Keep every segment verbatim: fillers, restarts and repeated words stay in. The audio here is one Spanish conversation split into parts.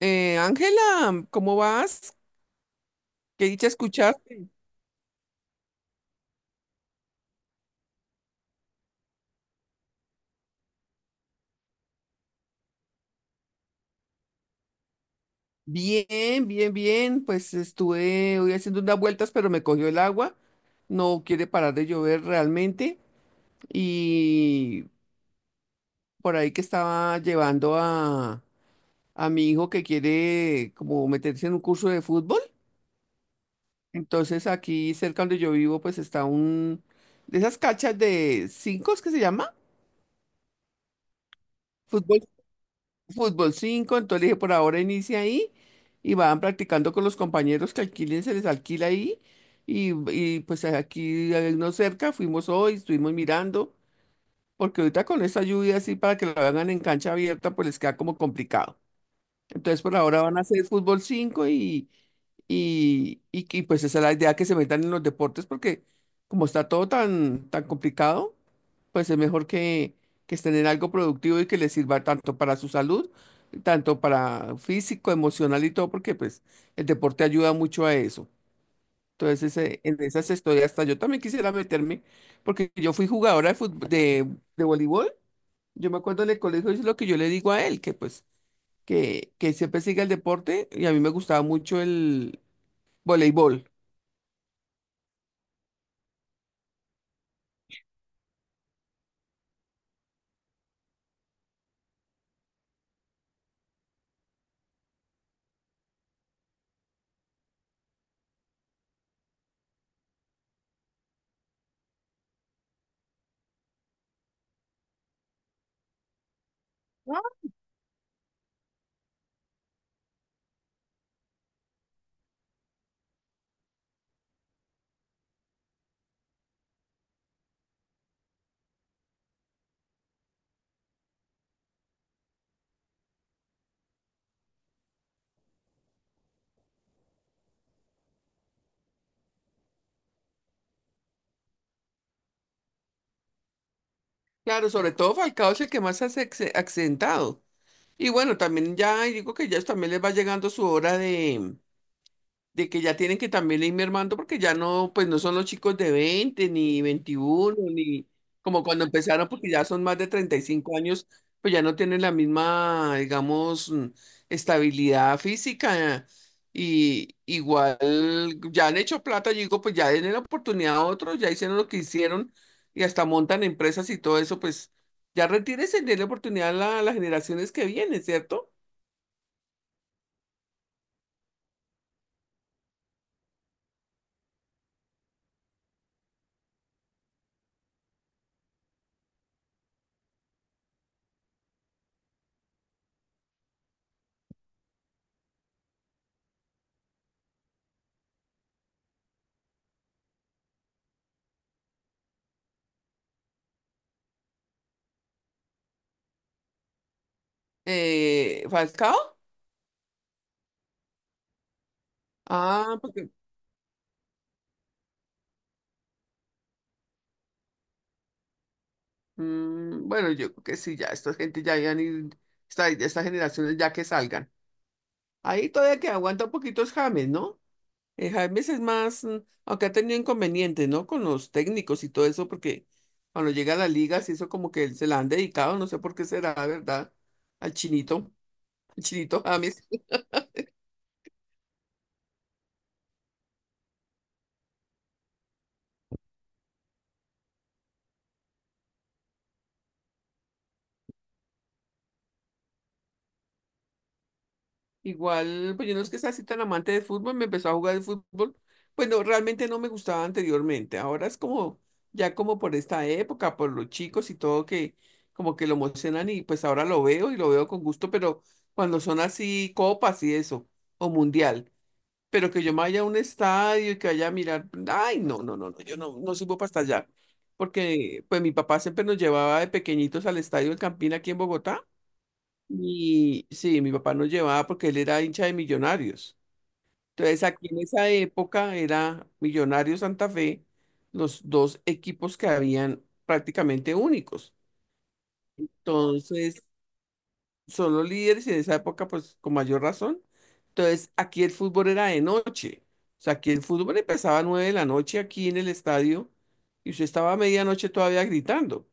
Eh, Ángela, ¿cómo vas? Qué dicha escucharte. Bien, bien, bien. Pues estuve hoy haciendo unas vueltas, pero me cogió el agua. No quiere parar de llover realmente. Y por ahí que estaba llevando a, a mi hijo que quiere como meterse en un curso de fútbol. Entonces aquí cerca donde yo vivo, pues está un de esas cachas de cinco, ¿es que se llama? Fútbol Fútbol cinco, entonces le dije, por ahora inicia ahí y van practicando con los compañeros que alquilen, se les alquila ahí. Y, y, pues aquí eh, no cerca, fuimos hoy, estuvimos mirando, porque ahorita con esta lluvia así para que la hagan en cancha abierta, pues les queda como complicado. Entonces por ahora van a hacer fútbol cinco y y, y, y, pues esa es la idea que se metan en los deportes porque como está todo tan, tan complicado, pues es mejor que, que estén en algo productivo y que les sirva tanto para su salud, tanto para físico, emocional y todo, porque pues el deporte ayuda mucho a eso. Entonces, ese- en esas estoy, hasta yo también quisiera meterme, porque yo fui jugadora de, fut- de, de voleibol. Yo me acuerdo en el colegio, es lo que yo le digo a él, que pues, que, que siempre siga el deporte, y a mí me gustaba mucho el voleibol. ¿No? Claro, sobre todo Falcao es el que más se ha acce- accidentado. Y bueno, también ya digo que ya también les va llegando su hora de, de que ya tienen que también ir mermando porque ya no, pues no son los chicos de veinte ni veintiuno ni como cuando empezaron porque ya son más de treinta y cinco años, pues ya no tienen la misma, digamos, mm, estabilidad física y igual ya han hecho plata, yo digo, pues ya denle la oportunidad a otros, ya hicieron lo que hicieron y hasta montan empresas y todo eso, pues ya retírense, denle oportunidad a la- a las generaciones que vienen, ¿cierto? Eh, Falcao. Ah, porque. Mm, bueno, yo creo que sí, ya esta gente ya habían ir esta, estas generaciones ya que salgan. Ahí todavía que aguanta un poquito es James, ¿no? Eh, James es más, mm, aunque ha tenido inconvenientes, ¿no? Con los técnicos y todo eso, porque cuando llega a la liga, sí, eso como que se la han dedicado, no sé por qué será, ¿verdad? Al chinito, al chinito James. Igual, pues yo no es que sea así tan amante de fútbol, me empezó a jugar el fútbol. Pues no, realmente no me gustaba anteriormente. Ahora es como, ya como por esta época, por los chicos y todo que como que lo emocionan y pues ahora lo veo y lo veo con gusto, pero cuando son así copas y eso, o mundial, pero que yo me vaya a un estadio y que vaya a mirar, ay, no, no, no, no, yo no, no sirvo para hasta allá. Porque pues mi papá siempre nos llevaba de pequeñitos al estadio del Campín aquí en Bogotá y sí, mi papá nos llevaba porque él era hincha de Millonarios. Entonces, aquí en esa época era Millonarios Santa Fe, los dos equipos que habían prácticamente únicos. Entonces, son los líderes y en esa época, pues con mayor razón. Entonces, aquí el fútbol era de noche. O sea, aquí el fútbol empezaba a nueve de la noche aquí en el estadio y usted estaba a medianoche todavía gritando.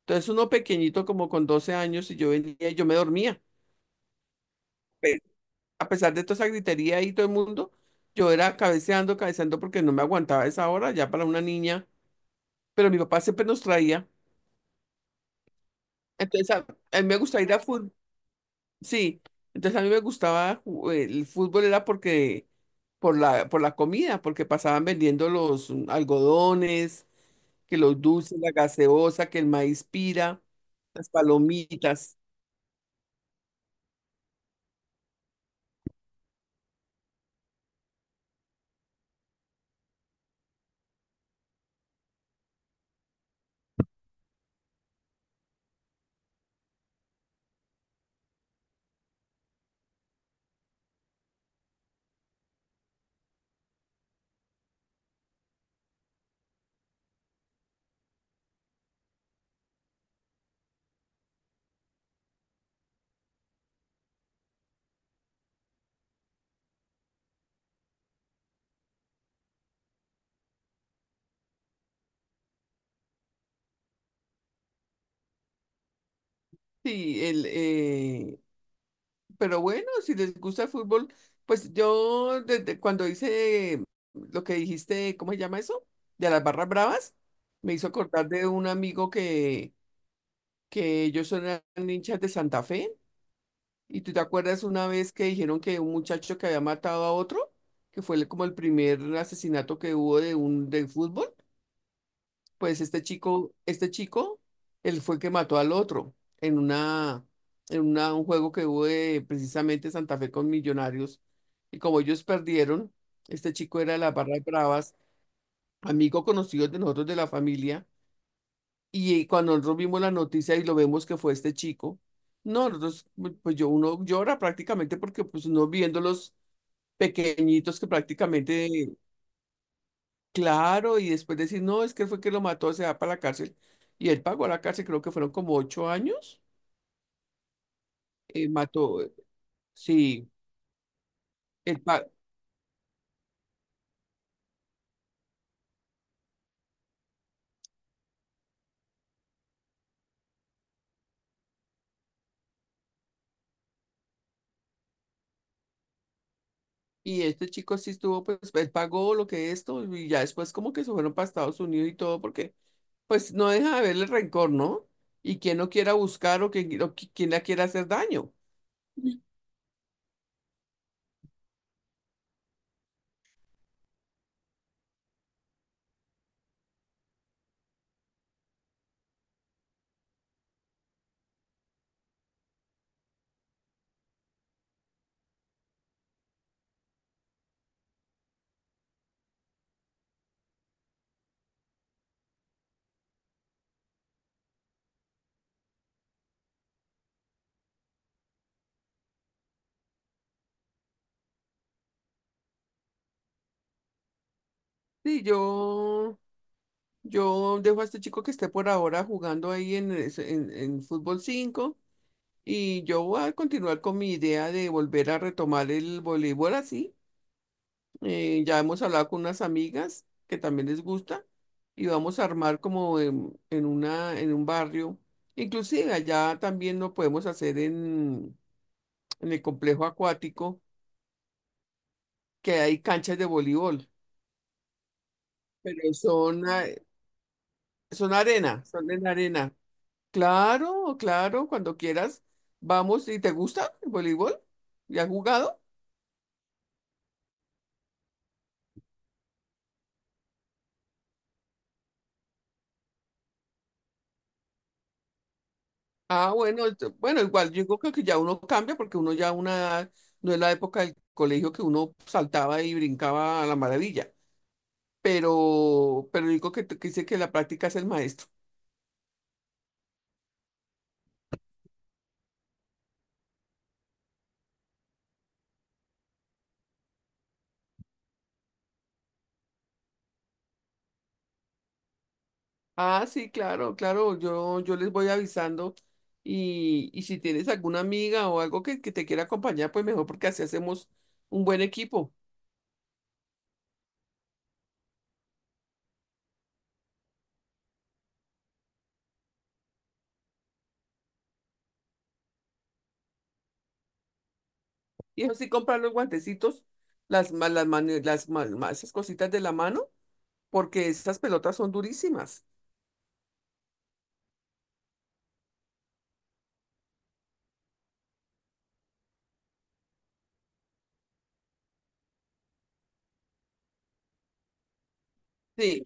Entonces, uno pequeñito como con doce años y yo venía y yo me dormía a pesar de toda esa gritería y todo el mundo, yo era cabeceando, cabeceando porque no me aguantaba esa hora ya para una niña, pero mi papá siempre nos traía. Entonces a, a mí me gustaba ir a fútbol, sí, entonces a mí me gustaba ju- el fútbol era porque por la, por la comida, porque pasaban vendiendo los mm, algodones, que los dulces, la gaseosa, que el maíz pira, las palomitas, sí. el, eh, Pero bueno, si les gusta el fútbol, pues yo desde cuando hice lo que dijiste, ¿cómo se llama eso? De las barras bravas, me hizo acordar de un amigo que, que ellos eran hinchas de Santa Fe. ¿Y tú te acuerdas una vez que dijeron que un muchacho que había matado a otro, que fue el- como el primer asesinato que hubo de un de fútbol? Pues este chico, este chico, él fue el que mató al otro en una, en una, un juego que hubo de, precisamente Santa Fe con Millonarios. Y como ellos perdieron, este chico era de la barra de Bravas, amigo conocido de nosotros de la familia. Y eh, cuando nosotros vimos la noticia y lo vemos que fue este chico, no, nosotros, pues yo uno llora prácticamente porque pues uno viendo los pequeñitos que prácticamente. Claro, y después decir, no, es que fue que lo mató, se va para la cárcel. Y él pagó la cárcel, creo que fueron como ocho años. eh, mató, eh, sí, él pa- y este chico sí estuvo, pues, él pagó lo que esto, y ya después como que se fueron para Estados Unidos y todo, porque pues no deja de haberle rencor, ¿no? Y quien no quiera buscar o quien, o qui- quien la quiera hacer daño. Mm. Sí, yo, yo dejo a este chico que esté por ahora jugando ahí en, ese- en, en fútbol cinco. Y yo voy a continuar con mi idea de volver a retomar el voleibol así. Eh, ya hemos hablado con unas amigas que también les gusta y vamos a armar como en, en una, en un barrio. Inclusive allá también lo podemos hacer en, en el complejo acuático, que hay canchas de voleibol, pero son, a- son arena, son en arena. Claro, claro, cuando quieras, vamos. ¿Y te gusta el voleibol? ¿Ya has jugado? Ah, bueno, ent- bueno, igual yo creo que ya uno cambia porque uno ya una edad, no es la época del colegio que uno saltaba y brincaba a la maravilla, pero, pero digo que, que dice que la práctica es el maestro. Ah, sí, claro, claro, yo, yo les voy avisando y, y si tienes alguna amiga o algo que, que te quiera acompañar, pues mejor porque así hacemos un buen equipo. Y eso sí, comprar los guantecitos, las, ma- las, mane- las, ma- ma- esas cositas de la mano, porque esas pelotas son durísimas. Sí.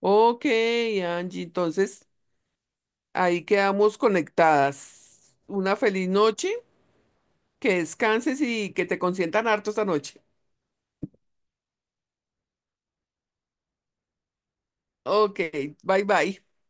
Ok, Angie, entonces ahí quedamos conectadas. Una feliz noche, que descanses y que te consientan harto esta noche. Ok, bye bye.